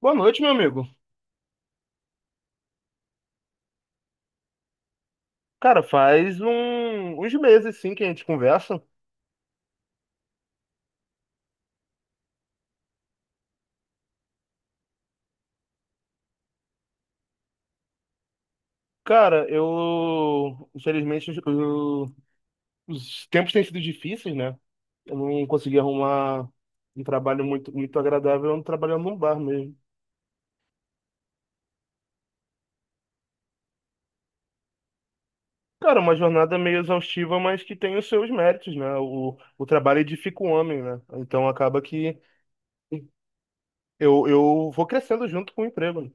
Boa noite, meu amigo. Cara, uns meses sim que a gente conversa. Cara, eu infelizmente os tempos têm sido difíceis, né? Eu não consegui arrumar um trabalho muito agradável, trabalhando num bar mesmo. Cara, uma jornada meio exaustiva, mas que tem os seus méritos, né? O trabalho edifica o homem, né? Então acaba que eu vou crescendo junto com o emprego. Né?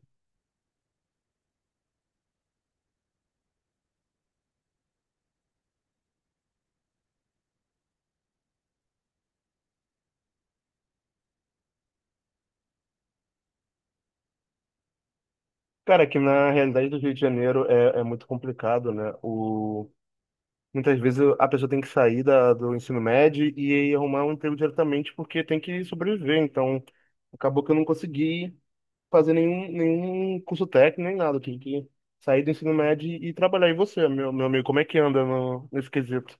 Cara, aqui na realidade do Rio de Janeiro é muito complicado, né? O muitas vezes a pessoa tem que sair do ensino médio e arrumar um emprego diretamente porque tem que sobreviver. Então, acabou que eu não consegui fazer nenhum curso técnico, nem nada. Eu tive que sair do ensino médio e trabalhar. E você, meu amigo, como é que anda no, nesse quesito?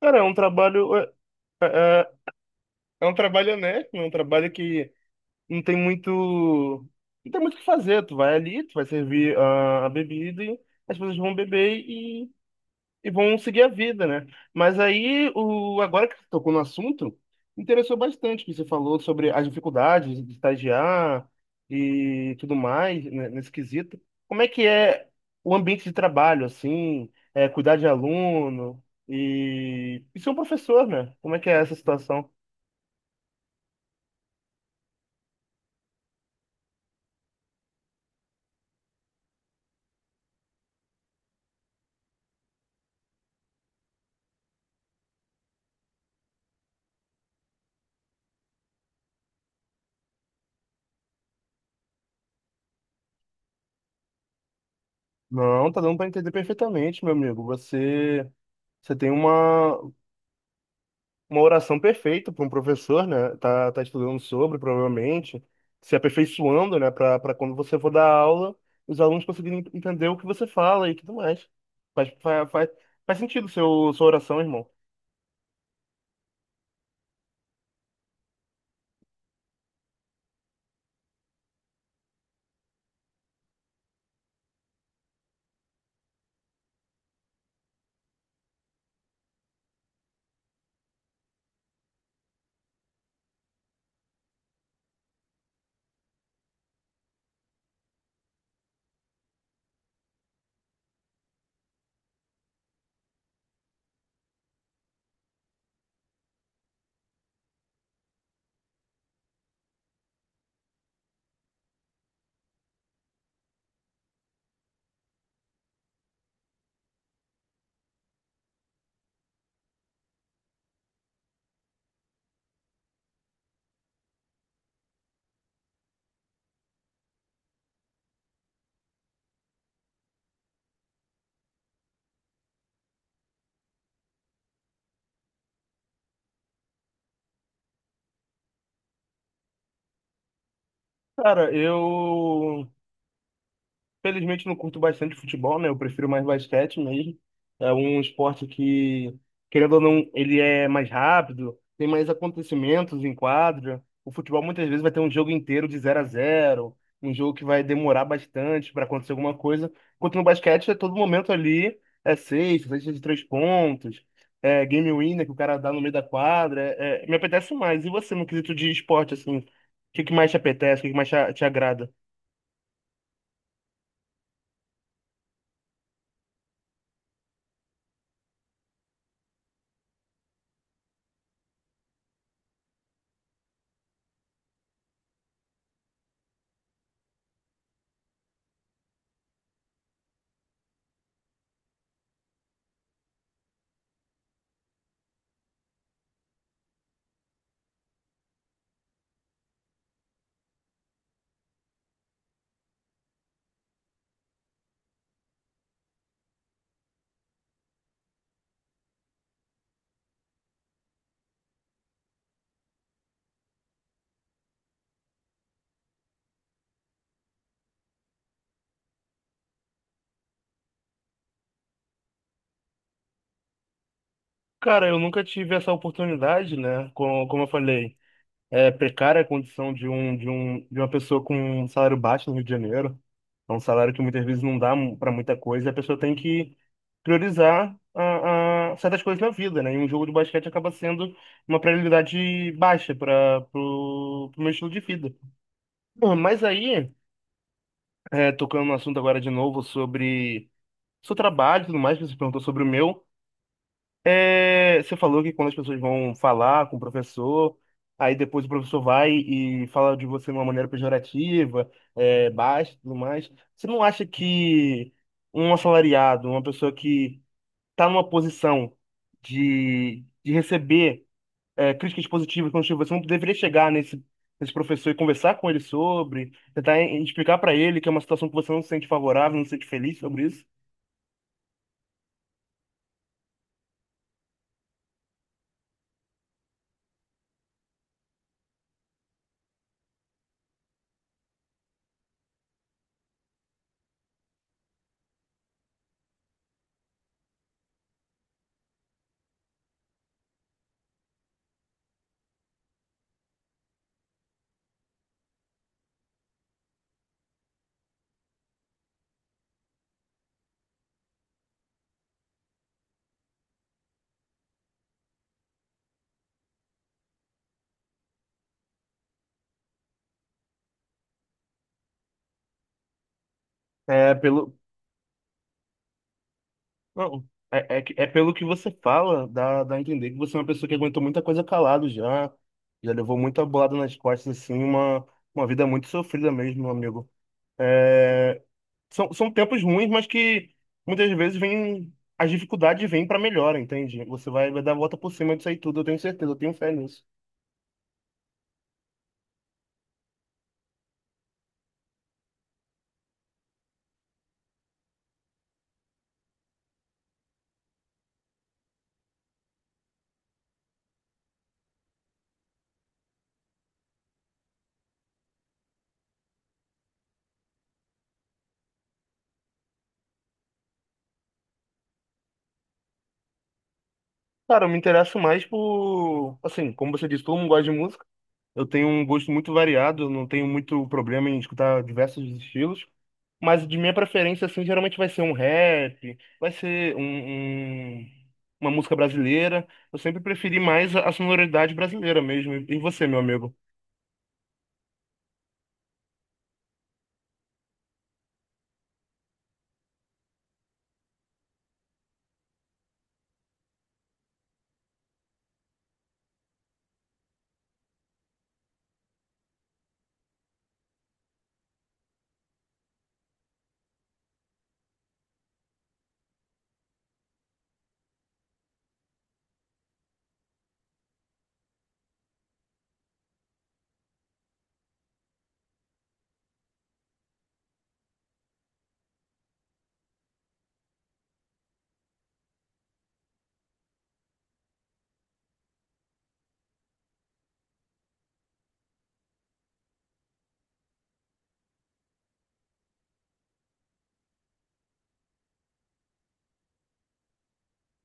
Cara, é um trabalho. É, é é um trabalho honesto, é um trabalho que não tem muito. Não tem muito o que fazer. Tu vai ali, tu vai servir a bebida e as pessoas vão beber e vão seguir a vida, né? Mas aí, agora que você tocou no assunto, me interessou bastante que você falou sobre as dificuldades de estagiar e tudo mais, né, nesse quesito. Como é que é o ambiente de trabalho, assim, é, cuidar de aluno e ser um professor, né? Como é que é essa situação? Não, tá dando para entender perfeitamente, meu amigo. Você tem uma oração perfeita para um professor, né? Tá estudando sobre, provavelmente, se aperfeiçoando, né? Para quando você for dar aula, os alunos conseguirem entender o que você fala e tudo mais. Faz, faz, faz, faz sentido sua oração, irmão. Cara, eu felizmente não curto bastante futebol, né? Eu prefiro mais basquete mesmo. É um esporte que, querendo ou não, ele é mais rápido, tem mais acontecimentos em quadra. O futebol muitas vezes vai ter um jogo inteiro de zero a zero, um jogo que vai demorar bastante para acontecer alguma coisa. Enquanto no basquete é todo momento ali, é sexta de três pontos, é game winner que o cara dá no meio da quadra. Me apetece mais. E você, no quesito de esporte, assim, o que que mais te apetece, o que que mais te agrada? Cara, eu nunca tive essa oportunidade, né? Como, como eu falei, é precária a condição de uma pessoa com um salário baixo no Rio de Janeiro. É um salário que muitas vezes não dá para muita coisa, e a pessoa tem que priorizar a certas coisas na vida, né? E um jogo de basquete acaba sendo uma prioridade baixa para o meu estilo de vida. Bom, mas aí, é, tocando no assunto agora de novo sobre seu trabalho e tudo mais, que você perguntou sobre o meu. É, você falou que quando as pessoas vão falar com o professor, aí depois o professor vai e fala de você de uma maneira pejorativa, é, baixa e tudo mais. Você não acha que um assalariado, uma pessoa que está numa posição de receber é, críticas positivas, construtivas, você não deveria chegar nesse professor e conversar com ele sobre, tentar explicar para ele que é uma situação que você não se sente favorável, não se sente feliz sobre isso? É, pelo, não, é pelo que você fala, dá a entender que você é uma pessoa que aguentou muita coisa calado já, já levou muita bolada nas costas, assim, uma vida muito sofrida mesmo, meu amigo. São tempos ruins, mas que muitas vezes vem, as dificuldades vêm pra melhora, entende? Vai dar a volta por cima disso aí tudo, eu tenho certeza, eu tenho fé nisso. Cara, eu me interesso mais por, assim, como você disse, todo mundo gosta de música, eu tenho um gosto muito variado, eu não tenho muito problema em escutar diversos estilos. Mas de minha preferência, assim, geralmente vai ser um rap, vai ser um- uma música brasileira. Eu sempre preferi mais a sonoridade brasileira mesmo. E você, meu amigo?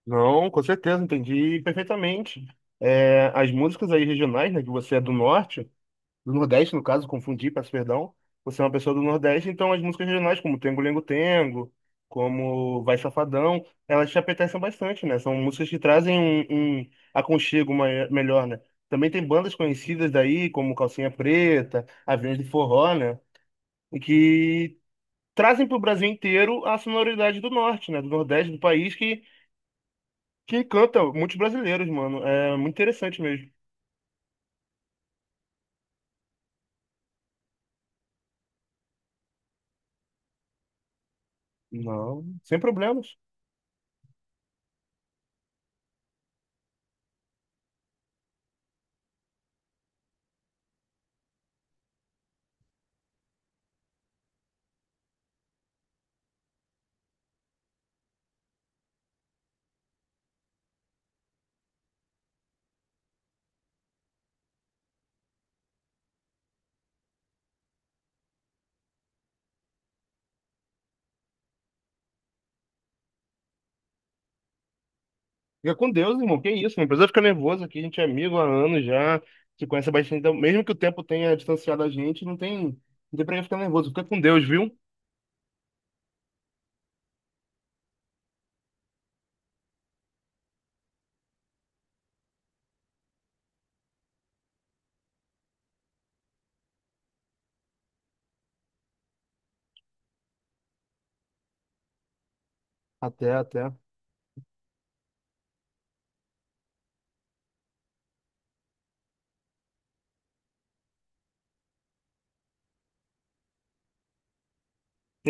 Não, com certeza, entendi perfeitamente. É, as músicas aí regionais, né, que você é do norte. Do Nordeste, no caso, confundi, peço perdão. Você é uma pessoa do Nordeste, então as músicas regionais, como Tengo Lengo Tengo, como Vai Safadão, elas te apetecem bastante, né? São músicas que trazem um aconchego melhor, né? Também tem bandas conhecidas daí, como Calcinha Preta, Aviões de Forró, né? E que trazem para o Brasil inteiro a sonoridade do Norte, né? Do Nordeste do país, que encanta muitos brasileiros, mano. É muito interessante mesmo. Não, sem problemas. Fica com Deus, irmão. Que isso, não precisa ficar nervoso aqui. A gente é amigo há anos já, se conhece há bastante. Então, mesmo que o tempo tenha distanciado a gente, não tem pra que ficar nervoso. Fica com Deus, viu? Até, até. Tem